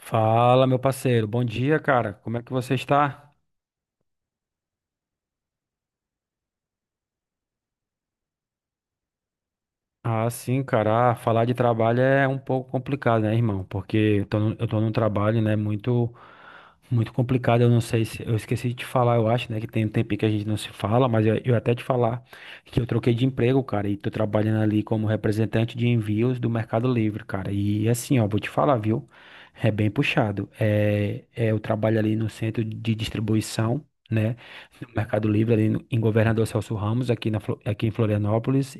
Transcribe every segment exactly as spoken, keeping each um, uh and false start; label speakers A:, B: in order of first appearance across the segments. A: Fala, meu parceiro. Bom dia, cara. Como é que você está? Ah, sim, cara. Ah, falar de trabalho é um pouco complicado, né, irmão? Porque eu tô, num- eu tô num trabalho, né, muito, muito complicado. Eu não sei se. Eu esqueci de te falar, eu acho, né, que tem um tempinho que a gente não se fala, mas eu, eu até te falar que eu troquei de emprego, cara, e tô trabalhando ali como representante de envios do Mercado Livre, cara. E assim, ó, vou te falar, viu? É bem puxado. É, é, eu trabalho ali no centro de distribuição, né? No Mercado Livre, ali no- em Governador Celso Ramos, aqui, na, Flo- aqui em Florianópolis.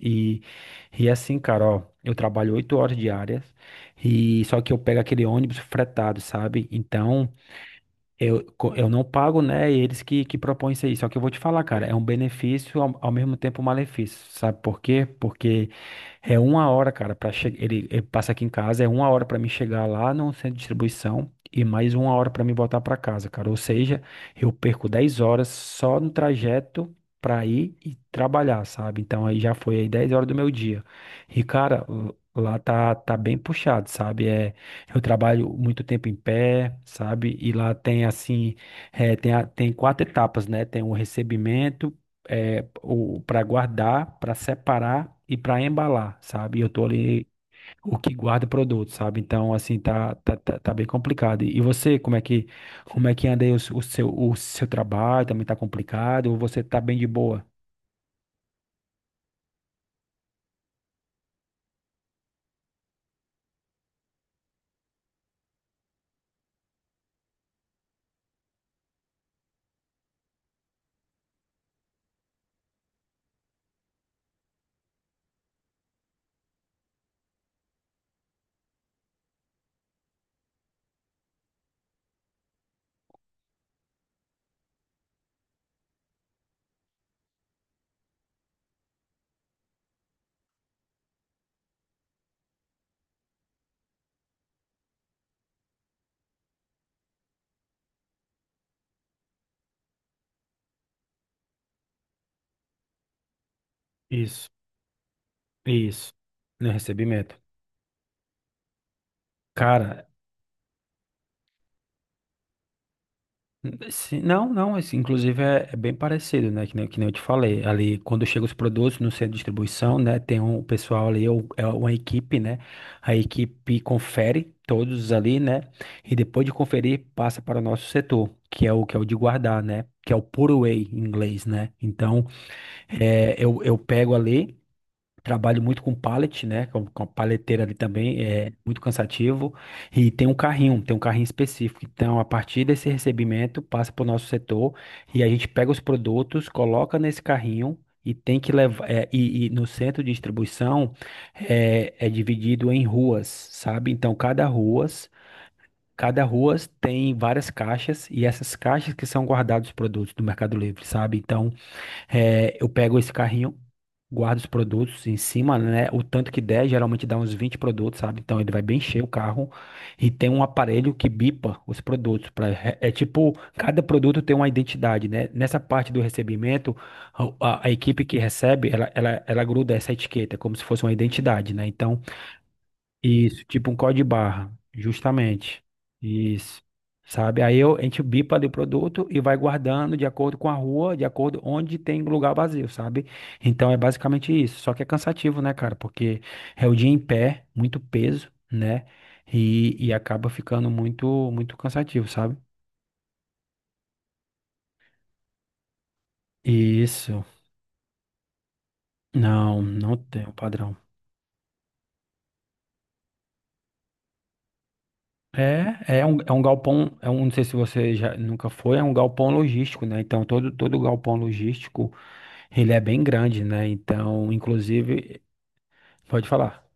A: E é assim, cara, ó, eu trabalho oito horas diárias, e só que eu pego aquele ônibus fretado, sabe? Então, eu, co- eu não pago, né? E eles que, que propõem isso aí. Só que eu vou te falar, cara, é um benefício, ao, ao mesmo tempo um malefício. Sabe por quê? Porque é uma hora, cara, para chegar. Ele, ele passa aqui em casa, é uma hora para mim chegar lá no centro de distribuição e mais uma hora para mim voltar para casa, cara. Ou seja, eu perco dez horas só no trajeto para ir e trabalhar, sabe? Então aí já foi aí dez horas do meu dia. E, cara, l- lá tá, tá bem puxado, sabe? É, eu trabalho muito tempo em pé, sabe? E lá tem assim, eh, tem, a- tem quatro etapas, né? Tem o recebimento, eh, o para guardar, para separar e para embalar, sabe? E eu tô ali o que guarda o produto, sabe? Então assim, tá tá, tá, tá bem complicado. E e você, como é que como é que anda aí o, s- o seu o seu trabalho? Também tá complicado ou você tá bem de boa? Isso, isso. No recebimento. Cara, sim, não, não, assim, inclusive é, é bem parecido, né? Que nem, que nem eu te falei. Ali, quando chegam os produtos no centro de distribuição, né? Tem um pessoal ali, é é uma equipe, né? A equipe confere todos ali, né? E depois de conferir, passa para o nosso setor, que é o que é o de guardar, né? Que é o put away em inglês, né? Então, é, eu, eu pego ali. Trabalho muito com pallet, né? Com, com a paleteira ali também, é muito cansativo. E tem um carrinho, tem um carrinho específico. Então, a partir desse recebimento, passa para o nosso setor e a gente pega os produtos, coloca nesse carrinho e tem que levar. é, e, e no centro de distribuição é, é dividido em ruas, sabe? Então, cada ruas, cada ruas tem várias caixas e essas caixas que são guardados os produtos do Mercado Livre, sabe? Então, é, eu pego esse carrinho, guardo os produtos em cima, né? O tanto que der, geralmente dá uns vinte produtos, sabe? Então ele vai bem cheio o carro e tem um aparelho que bipa os produtos. Pra, é, é tipo, cada produto tem uma identidade, né? Nessa parte do recebimento, a, a- a equipe que recebe, ela, ela, ela gruda essa etiqueta, como se fosse uma identidade, né? Então isso, tipo um código barra, justamente. Isso. Sabe? Aí eu, a gente bipa ali o produto e vai guardando de acordo com a rua, de acordo onde tem lugar vazio, sabe? Então é basicamente isso. Só que é cansativo, né, cara? Porque é o dia em pé, muito peso, né? E, e acaba ficando muito, muito cansativo, sabe? Isso. Não, não tem um padrão. É, é um, é um galpão, é um, não sei se você já nunca foi, é um galpão logístico, né? Então todo todo galpão logístico ele é bem grande, né? Então, inclusive, pode falar,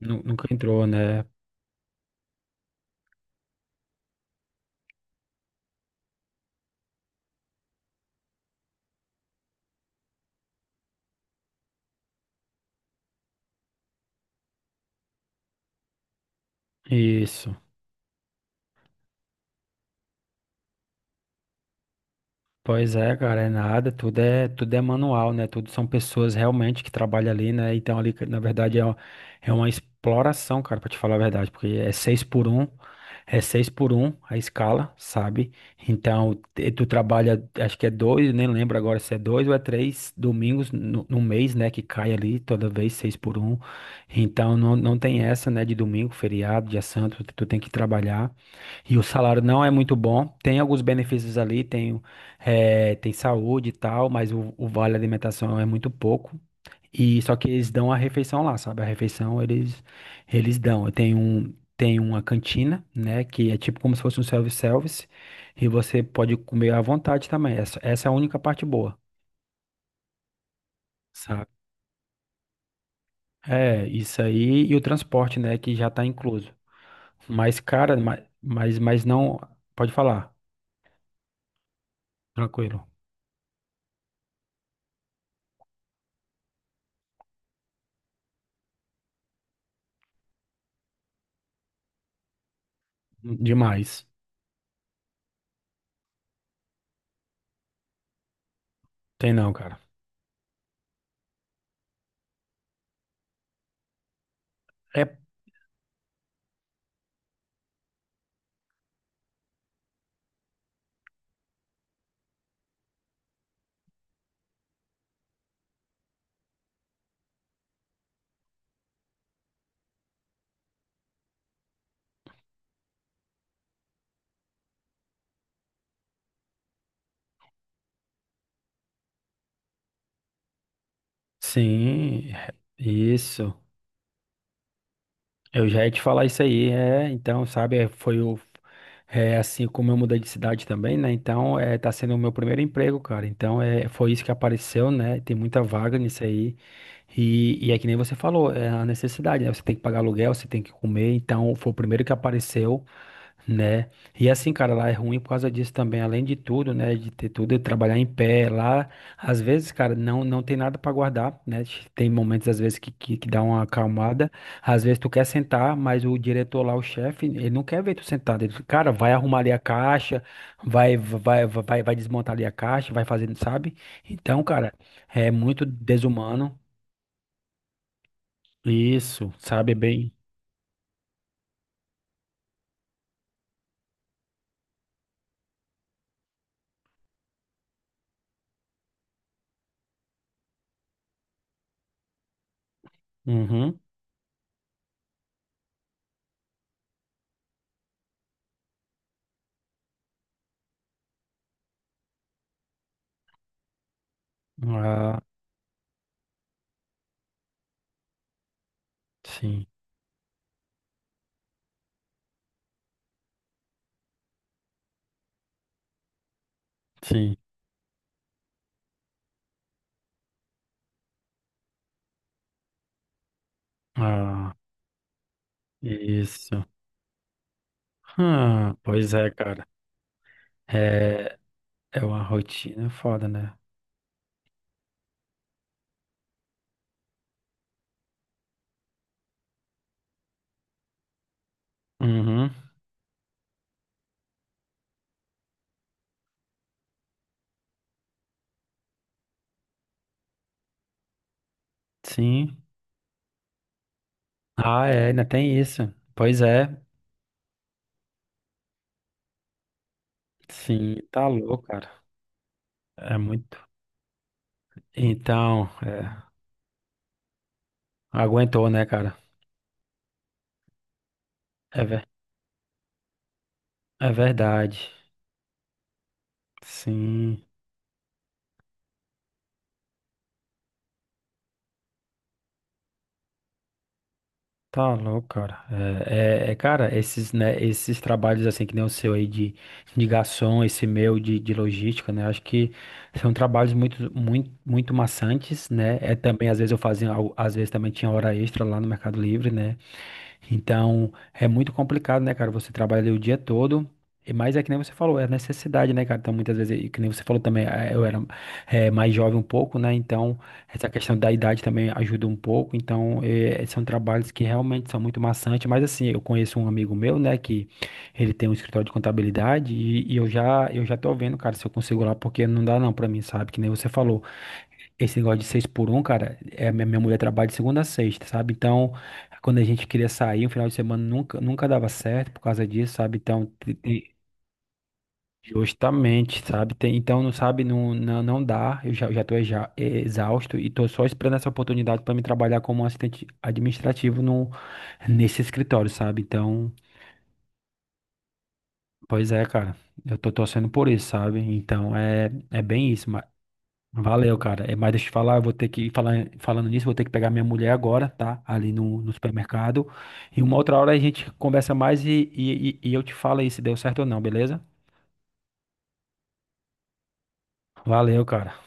A: nu- nunca entrou, né? Isso. Pois é, cara, é nada, tudo é, tudo é manual, né? Tudo são pessoas realmente que trabalham ali, né? Então ali, na verdade, é, uma- é uma exploração, cara, pra te falar a verdade, porque é seis por um, é seis por um a escala, sabe? Então, te- tu trabalha, acho que é dois, nem lembro agora se é dois ou é três domingos no, no mês, né? Que cai ali toda vez seis por um. Então, não, não tem essa, né? De domingo, feriado, dia santo, tu tem que trabalhar. E o salário não é muito bom. Tem alguns benefícios ali, tem, eh, tem saúde e tal, mas o, o vale alimentação é muito pouco. E só que eles dão a refeição lá, sabe? A refeição eles eles dão. Tem um tem uma cantina, né, que é tipo como se fosse um self-service e você pode comer à vontade também. Essa, essa é a única parte boa, sabe? É, isso aí e o transporte, né, que já tá incluso. Mas cara, ma- mas mas não, pode falar. Tranquilo. Demais. Tem não, cara. É, sim, é- isso. Eu já ia te falar isso aí, é, então, sabe, é, foi o, é, assim, como eu mudei de cidade também, né, então, é, tá sendo o meu primeiro emprego, cara, então, é, foi isso que apareceu, né, tem muita vaga nisso aí, e, e é que nem você falou, é a necessidade, né, você tem que pagar aluguel, você tem que comer, então, foi o primeiro que apareceu. Né? E assim, cara, lá é ruim por causa disso também, além de tudo, né, de ter tudo, de trabalhar em pé lá, às vezes, cara, não não tem nada para guardar, né? Tem momentos às vezes que, que, que dá uma acalmada, às vezes tu quer sentar, mas o diretor lá, o chefe, ele não quer ver tu sentado, ele, cara, vai arrumar ali a caixa, vai vai vai vai desmontar ali a caixa, vai fazendo, sabe? Então, cara, é muito desumano. Isso, sabe bem. Uhum. Ah, sim, sim. Ah, isso. Hum, pois é, cara. É, é uma rotina foda, né? Uhum, sim. Ah, é, ainda tem isso. Pois é, sim, tá louco, cara. É muito. Então, é, aguentou, né, cara? É, ver- é verdade. Sim. Tá louco, cara. É, é- é, cara, esses, né, esses trabalhos assim que nem o seu aí de, de garçom, esse meu de, de logística, né? Acho que são trabalhos muito, muito, muito maçantes, né? É também às vezes eu fazia, al- às vezes também tinha hora extra lá no Mercado Livre, né? Então, é muito complicado, né, cara? Você trabalha o dia todo. E mais é que nem você falou, é necessidade, né, cara? Então, muitas vezes, e que nem você falou também, eh, eu era eh, mais jovem um pouco, né? Então, essa questão da idade também ajuda um pouco. Então, eh, são trabalhos que realmente são muito maçantes. Mas, assim, eu conheço um amigo meu, né, que ele tem um escritório de contabilidade e, e eu já, eu já tô vendo, cara, se eu consigo lá, porque não dá não pra mim, sabe? Que nem você falou. Esse negócio de seis por um, cara, é, minha minha mulher trabalha de segunda a sexta, sabe? Então, quando a gente queria sair, um final de semana nunca, nunca dava certo por causa disso, sabe? Então, te- te- justamente, sabe? Tem- então, não sabe, não, não, não dá. Eu já, já tô exa- exausto e tô só esperando essa oportunidade para me trabalhar como assistente administrativo no, nesse escritório, sabe? Então, pois é, cara, eu tô torcendo por isso, sabe? Então, é, é bem isso. Valeu, cara. É, mas deixa eu te falar, eu vou ter que falar, falando nisso, vou ter que pegar minha mulher agora, tá? Ali no, no supermercado. E uma outra hora a gente conversa mais e, e, e e eu te falo aí se deu certo ou não, beleza? Valeu, cara.